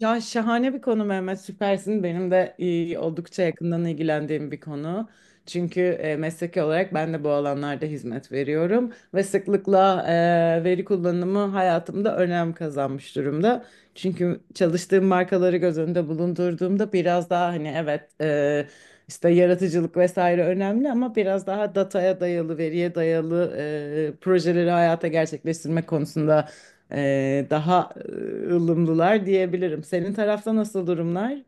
Ya şahane bir konu Mehmet, süpersin. Benim de oldukça yakından ilgilendiğim bir konu. Çünkü mesleki olarak ben de bu alanlarda hizmet veriyorum ve sıklıkla veri kullanımı hayatımda önem kazanmış durumda. Çünkü çalıştığım markaları göz önünde bulundurduğumda biraz daha hani evet, işte yaratıcılık vesaire önemli ama biraz daha dataya dayalı, veriye dayalı projeleri hayata gerçekleştirmek konusunda e, daha e, ılımlılar diyebilirim. Senin tarafta nasıl durumlar?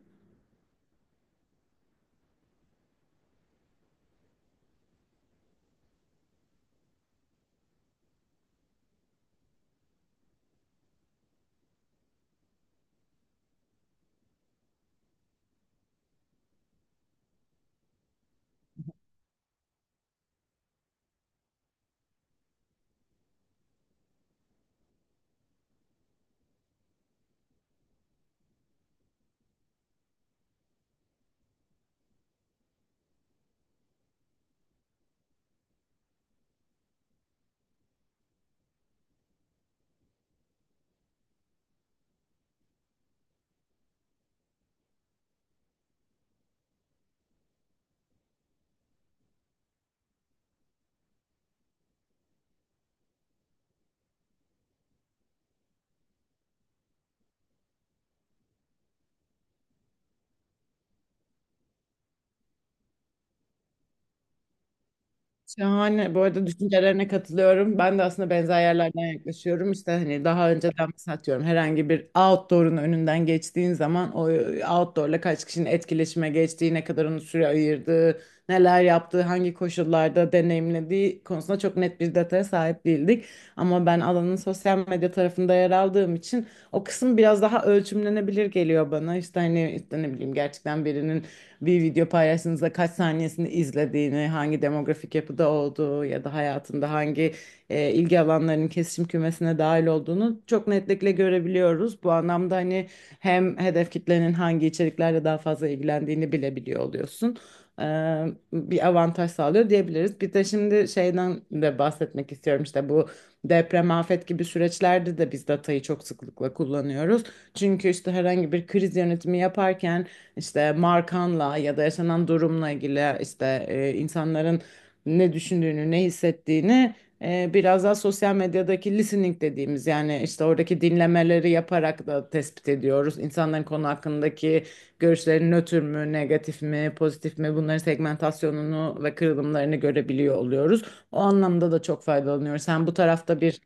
Şahane. Bu arada düşüncelerine katılıyorum. Ben de aslında benzer yerlerden yaklaşıyorum. İşte hani daha önceden mesela atıyorum herhangi bir outdoor'un önünden geçtiğin zaman o outdoor'la kaç kişinin etkileşime geçtiği, ne kadar onu süre ayırdığı, neler yaptığı, hangi koşullarda deneyimlediği konusunda çok net bir dataya sahip değildik. Ama ben alanın sosyal medya tarafında yer aldığım için o kısım biraz daha ölçümlenebilir geliyor bana. İşte hani işte ne bileyim gerçekten birinin bir video paylaştığınızda kaç saniyesini izlediğini, hangi demografik yapıda olduğu ya da hayatında hangi ilgi alanlarının kesişim kümesine dahil olduğunu çok netlikle görebiliyoruz. Bu anlamda hani hem hedef kitlenin hangi içeriklerle daha fazla ilgilendiğini bilebiliyor oluyorsun. Ee, Bir avantaj sağlıyor diyebiliriz. Bir de şimdi şeyden de bahsetmek istiyorum, işte bu deprem, afet gibi süreçlerde de biz datayı çok sıklıkla kullanıyoruz. Çünkü işte herhangi bir kriz yönetimi yaparken işte markanla ya da yaşanan durumla ilgili işte insanların ne düşündüğünü, ne hissettiğini, biraz daha sosyal medyadaki listening dediğimiz, yani işte oradaki dinlemeleri yaparak da tespit ediyoruz. İnsanların konu hakkındaki görüşleri nötr mü, negatif mi, pozitif mi, bunların segmentasyonunu ve kırılımlarını görebiliyor oluyoruz. O anlamda da çok faydalanıyoruz. Sen bu tarafta bir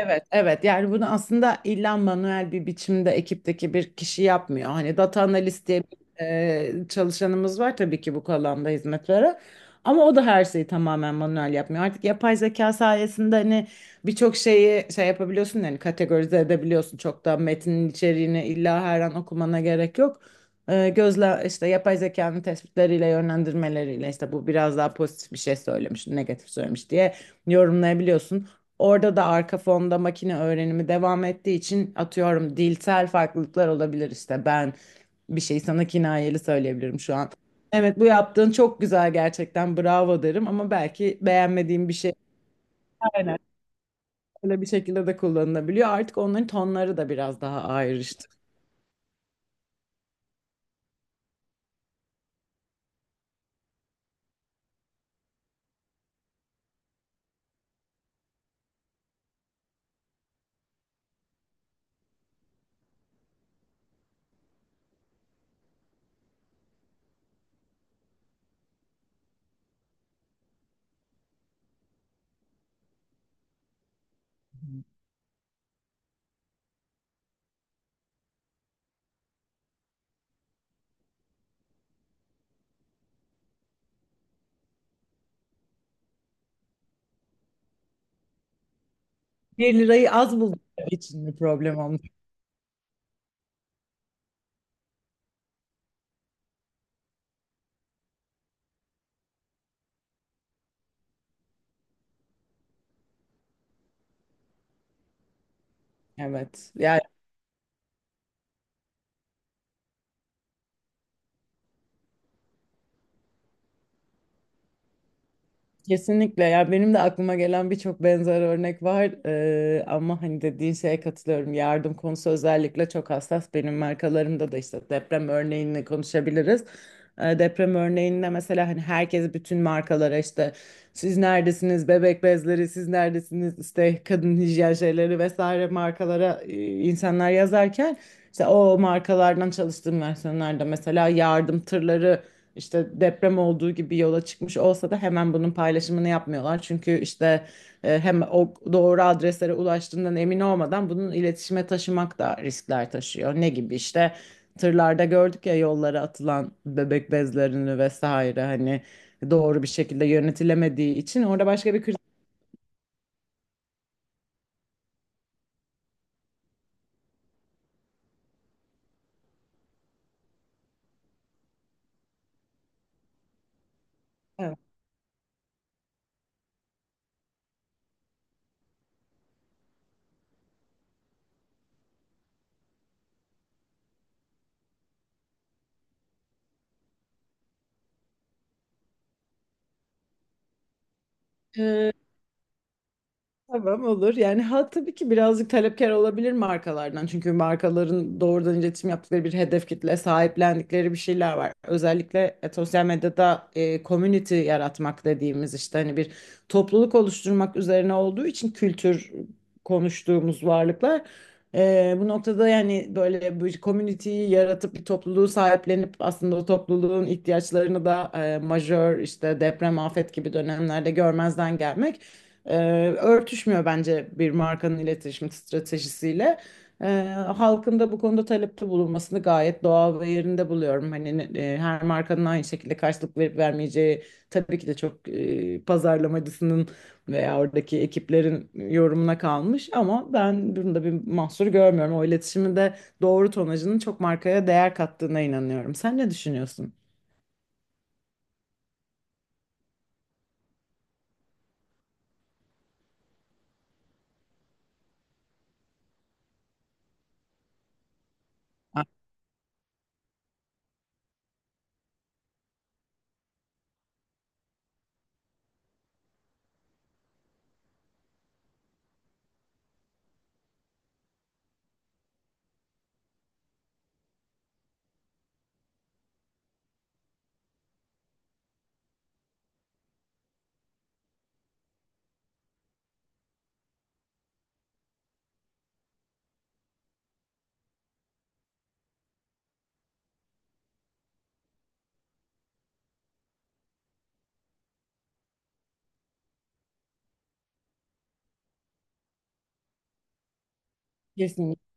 evet, evet. Yani bunu aslında illa manuel bir biçimde ekipteki bir kişi yapmıyor. Hani data analist diye bir çalışanımız var tabii ki bu alanda hizmet veren. Ama o da her şeyi tamamen manuel yapmıyor. Artık yapay zeka sayesinde hani birçok şeyi şey yapabiliyorsun, yani kategorize edebiliyorsun. Çok da metnin içeriğini illa her an okumana gerek yok. Gözle işte yapay zekanın tespitleriyle, yönlendirmeleriyle işte bu biraz daha pozitif bir şey söylemiş, negatif söylemiş diye yorumlayabiliyorsun. Orada da arka fonda makine öğrenimi devam ettiği için atıyorum dilsel farklılıklar olabilir. İşte ben bir şey sana kinayeli söyleyebilirim şu an. Evet bu yaptığın çok güzel gerçekten, bravo derim ama belki beğenmediğim bir şey öyle bir şekilde de kullanılabiliyor. Artık onların tonları da biraz daha ayrıştı. Bir lirayı az bulduğum için bir problem olmuş. Evet. Yani kesinlikle ya, benim de aklıma gelen birçok benzer örnek var. Ama hani dediğin şeye katılıyorum, yardım konusu özellikle çok hassas. Benim markalarımda da işte deprem örneğini konuşabiliriz. Deprem örneğinde mesela hani herkes bütün markalara işte siz neredesiniz bebek bezleri, siz neredesiniz işte kadın hijyen şeyleri vesaire markalara, insanlar yazarken işte o markalardan çalıştığım versiyonlarda mesela yardım tırları işte deprem olduğu gibi yola çıkmış olsa da hemen bunun paylaşımını yapmıyorlar. Çünkü işte hem o doğru adreslere ulaştığından emin olmadan bunun iletişime taşımak da riskler taşıyor. Ne gibi? İşte tırlarda gördük ya yollara atılan bebek bezlerini vesaire, hani doğru bir şekilde yönetilemediği için orada başka bir kriz. Evet. Tamam, olur. Yani ha tabii ki birazcık talepkar olabilir markalardan. Çünkü markaların doğrudan iletişim yaptıkları bir hedef kitle, sahiplendikleri bir şeyler var. Özellikle sosyal medyada community yaratmak dediğimiz işte hani bir topluluk oluşturmak üzerine olduğu için kültür konuştuğumuz varlıklar. Bu noktada yani böyle bir community'yi yaratıp bir topluluğu sahiplenip aslında o topluluğun ihtiyaçlarını da majör işte deprem, afet gibi dönemlerde görmezden gelmek ee, örtüşmüyor bence bir markanın iletişim stratejisiyle. Ee, Halkın da bu konuda talepte bulunmasını gayet doğal ve yerinde buluyorum. Hani her markanın aynı şekilde karşılık verip vermeyeceği tabii ki de çok pazarlamacısının veya oradaki ekiplerin yorumuna kalmış ama ben bunda bir mahsur görmüyorum. O iletişimin de doğru tonajının çok markaya değer kattığına inanıyorum. Sen ne düşünüyorsun? Kesinlikle.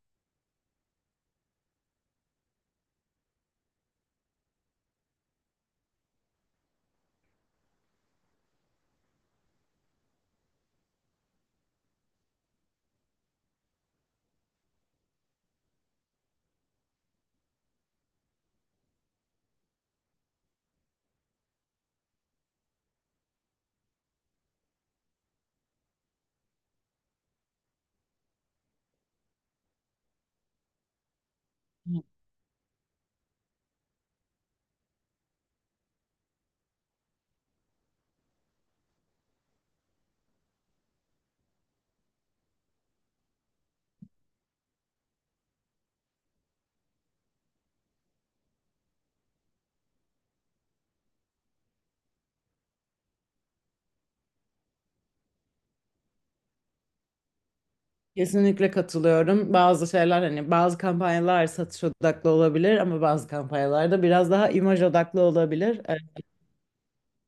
Kesinlikle katılıyorum. Bazı şeyler hani, bazı kampanyalar satış odaklı olabilir ama bazı kampanyalar da biraz daha imaj odaklı olabilir.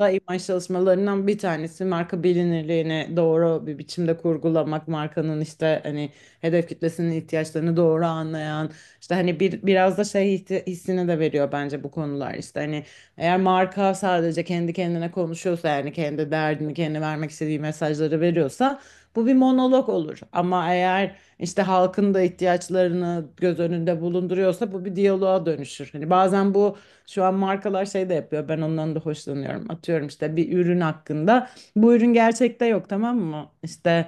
Da imaj çalışmalarından bir tanesi marka bilinirliğini doğru bir biçimde kurgulamak, markanın işte hani hedef kitlesinin ihtiyaçlarını doğru anlayan, işte hani bir biraz da şey hissini de veriyor bence bu konular. İşte hani eğer marka sadece kendi kendine konuşuyorsa, yani kendi derdini, kendi vermek istediği mesajları veriyorsa bu bir monolog olur. Ama eğer işte halkın da ihtiyaçlarını göz önünde bulunduruyorsa bu bir diyaloğa dönüşür. Hani bazen bu şu an markalar şey de yapıyor. Ben ondan da hoşlanıyorum. Atıyorum işte bir ürün hakkında. Bu ürün gerçekte yok, tamam mı? İşte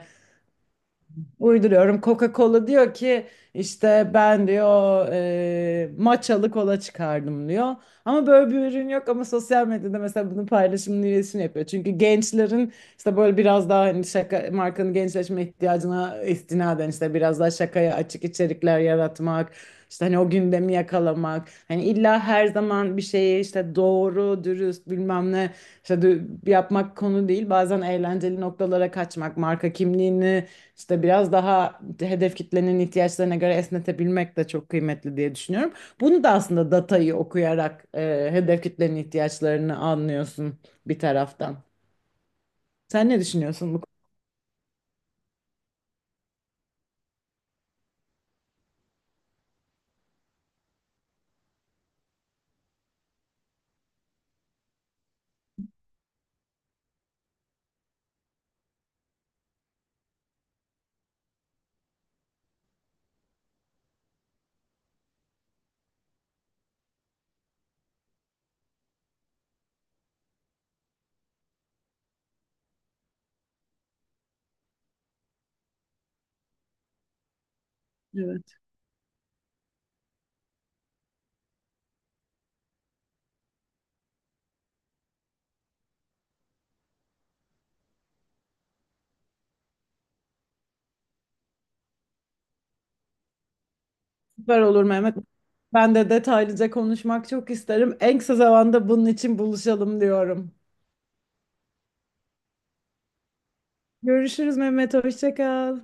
uyduruyorum. Coca-Cola diyor ki işte ben diyor matchalı kola çıkardım diyor. Ama böyle bir ürün yok ama sosyal medyada mesela bunun paylaşımını, iletişim yapıyor. Çünkü gençlerin işte böyle biraz daha hani şaka, markanın gençleşme ihtiyacına istinaden işte biraz daha şakaya açık içerikler yaratmak, işte hani o gündemi yakalamak. Hani illa her zaman bir şeyi işte doğru, dürüst bilmem ne işte yapmak konu değil. Bazen eğlenceli noktalara kaçmak, marka kimliğini işte biraz daha hedef kitlenin ihtiyaçlarına göre esnetebilmek de çok kıymetli diye düşünüyorum. Bunu da aslında datayı okuyarak hedef kitlenin ihtiyaçlarını anlıyorsun bir taraftan. Sen ne düşünüyorsun bu konuda? Evet. Süper olur Mehmet. Ben de detaylıca konuşmak çok isterim. En kısa zamanda bunun için buluşalım diyorum. Görüşürüz Mehmet. Hoşça kal.